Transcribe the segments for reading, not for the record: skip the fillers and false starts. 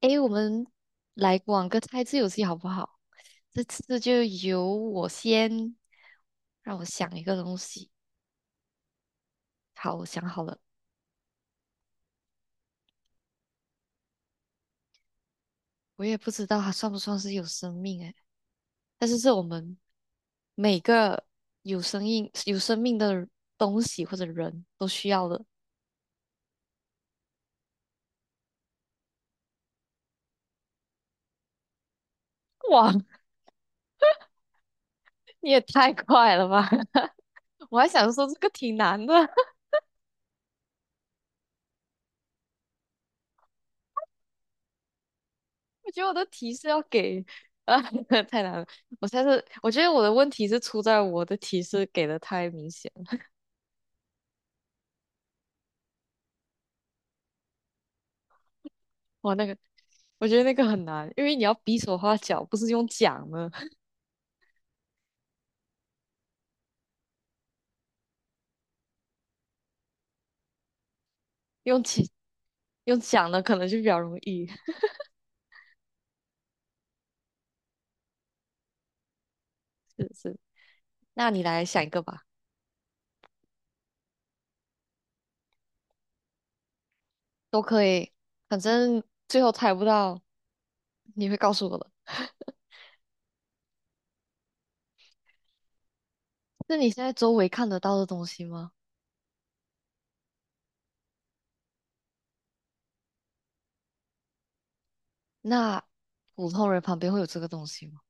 诶，我们来玩个猜字游戏好不好？这次就由我先，让我想一个东西。好，我想好了，我也不知道它算不算是有生命诶，但是是我们每个有生命的东西或者人都需要的。哇，你也太快了吧！我还想说这个挺难的。我觉得我的提示要给啊，太难了。我猜是，我觉得我的问题是出在我的提示给的太明显了。哇，那个，我觉得那个很难，因为你要比手画脚，不是用讲的，用讲用讲的可能就比较容易。是是，那你来想一个吧，都可以，反正最后猜不到，你会告诉我的。那你现在周围看得到的东西吗？那普通人旁边会有这个东西吗？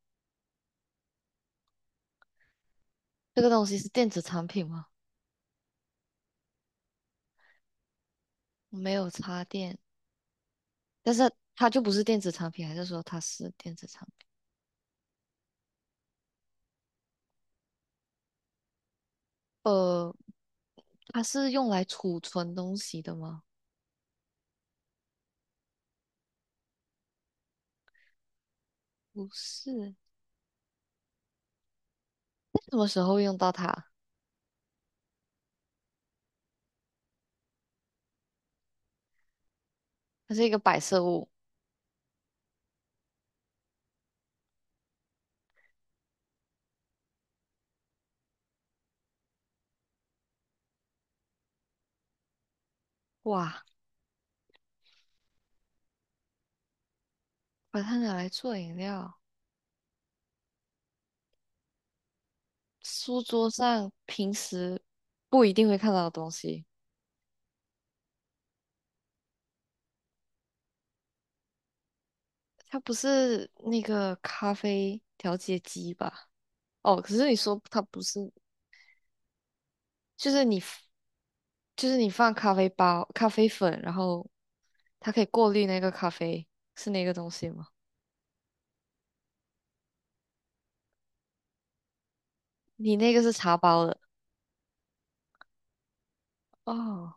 这个东西是电子产品吗？没有插电。但是它就不是电子产品，还是说它是电子产品？呃，它是用来储存东西的吗？不是，什么时候会用到它？它是一个摆设物。哇，把它拿来做饮料，书桌上平时不一定会看到的东西。它不是那个咖啡调节机吧？哦，可是你说它不是，就是你 f- 就是你放咖啡包、咖啡粉，然后它可以过滤那个咖啡，是那个东西吗？你那个是茶包的哦，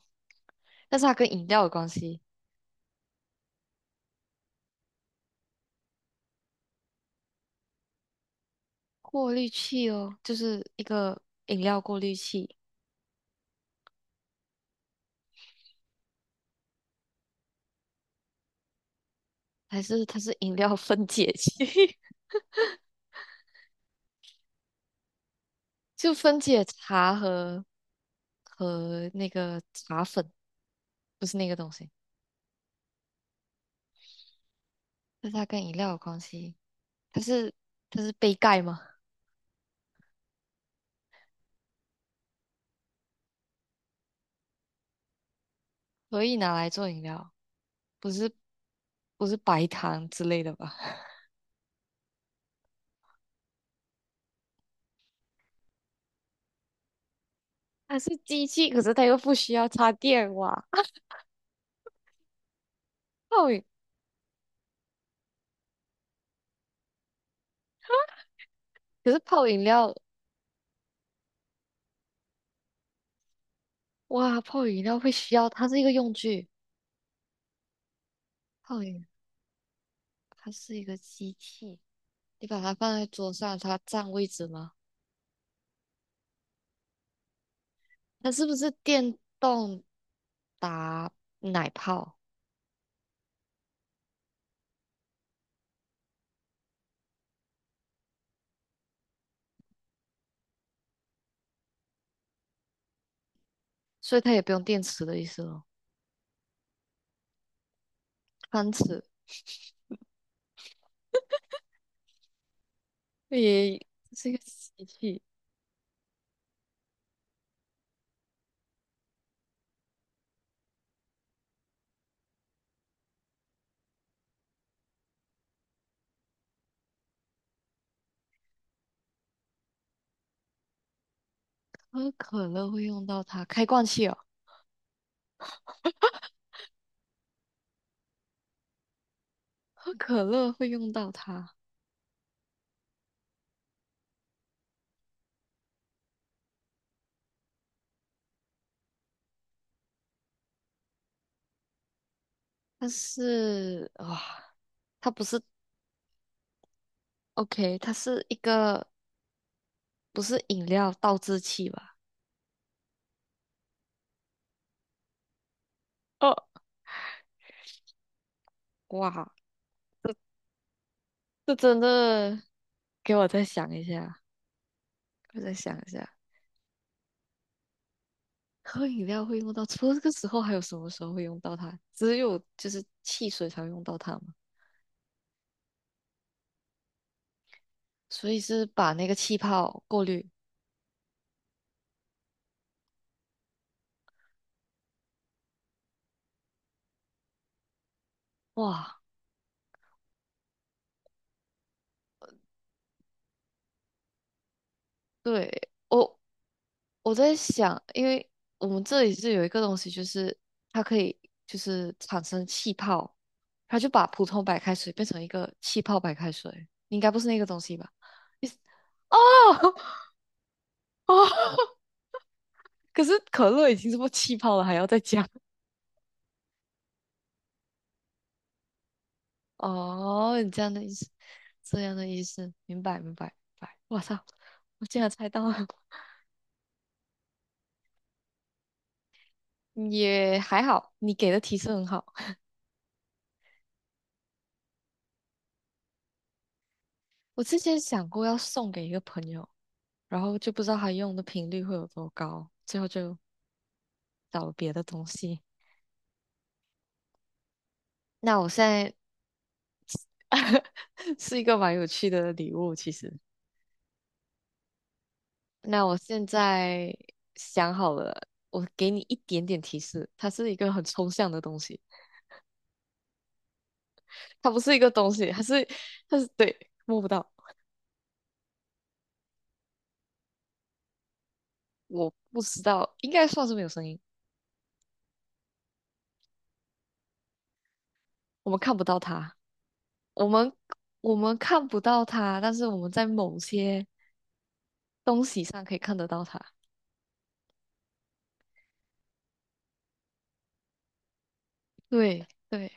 但是它跟饮料有关系。过滤器哦，就是一个饮料过滤器，还是它是饮料分解器，就分解茶和那个茶粉，不是那个东西。但是它跟饮料有关系，它是它是杯盖吗？可以拿来做饮料，不是不是白糖之类的吧？它是机器，可是它又不需要插电哇。泡饮，可是泡饮料。哇，泡饮料会需要，它是一个用具，泡饮它是一个机器，你把它放在桌上，它占位置吗？它是不是电动打奶泡？所以它也不用电池的意思咯。汤匙也是一个机器，喝可乐会用到它，开罐器哦，喝可乐会用到它，但是哇，它不是 OK，它是一个不是饮料倒置器吧？哦，哇。这真的给我再想一下，我再想一下，喝饮料会用到，除了这个时候，还有什么时候会用到它？只有就是汽水才会用到它嘛，所以是把那个气泡过滤。哇，对，我在想，因为我们这里是有一个东西，就是它可以就是产生气泡，它就把普通白开水变成一个气泡白开水，应该不是那个东西吧？你哦 哦，可是可乐已经这么气泡了，还要再加？哦，你这样的意思，这样的意思，明白。我操，我竟然猜到了，嗯也还好，你给的提示很好。我之前想过要送给一个朋友，然后就不知道他用的频率会有多高，最后就找了别的东西。那我现在 是一个蛮有趣的礼物，其实。那我现在想好了，我给你一点点提示，它是一个很抽象的东西，它不是一个东西，它是对，摸不到。我不知道，应该算是没有声音，我们看不到它，我们我们看不到它，但是我们在某些东西上可以看得到它。对对，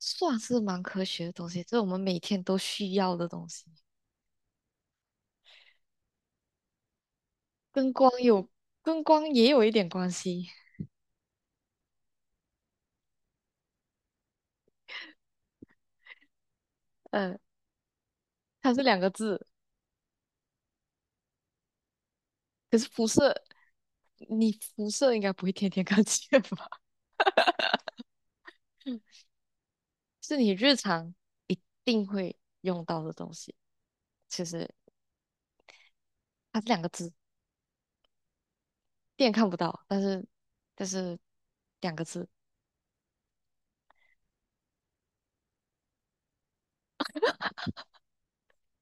算是蛮科学的东西，这是我们每天都需要的东西，跟光有跟光也有一点关系。嗯，它是两个字，可是辐射，你辐射应该不会天天 看见吧？嗯是你日常一定会用到的东西。其实它是两个字。电看不到，但是两个字，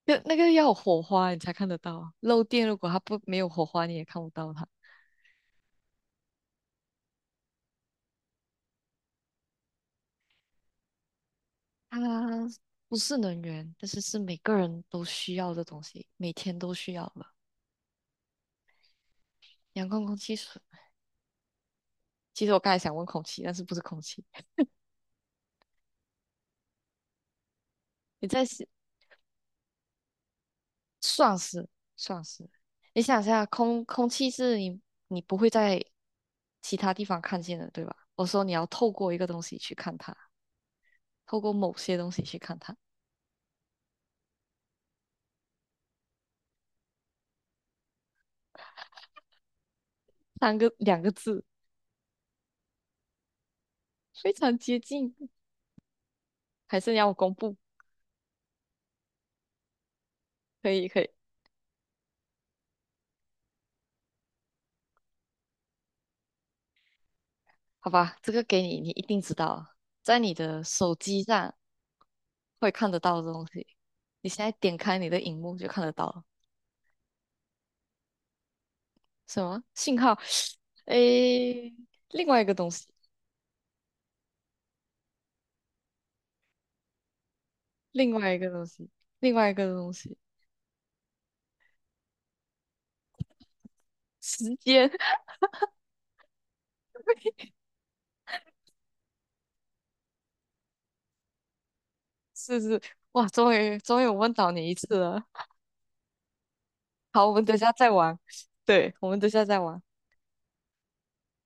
就那个要有火花你才看得到啊。漏电如果它不没有火花，你也看不到它。它不是能源，但是是每个人都需要的东西，每天都需要的。阳光、空气、水。其实我刚才想问空气，但是不是空气？你在想算是算是，你想一下，空空气是你你不会在其他地方看见的，对吧？我说你要透过一个东西去看它，透过某些东西去看它。三个两个字，非常接近。还是你要我公布？可以，可以，好吧，这个给你，你一定知道啊在你的手机上会看得到的东西，你现在点开你的荧幕就看得到了。什么信号？诶，另外一个东西，另外一个东西，另外一个东西，时间，是是，哇，终于我问到你一次了。好，我们等一下再玩，对，我们等一下再玩。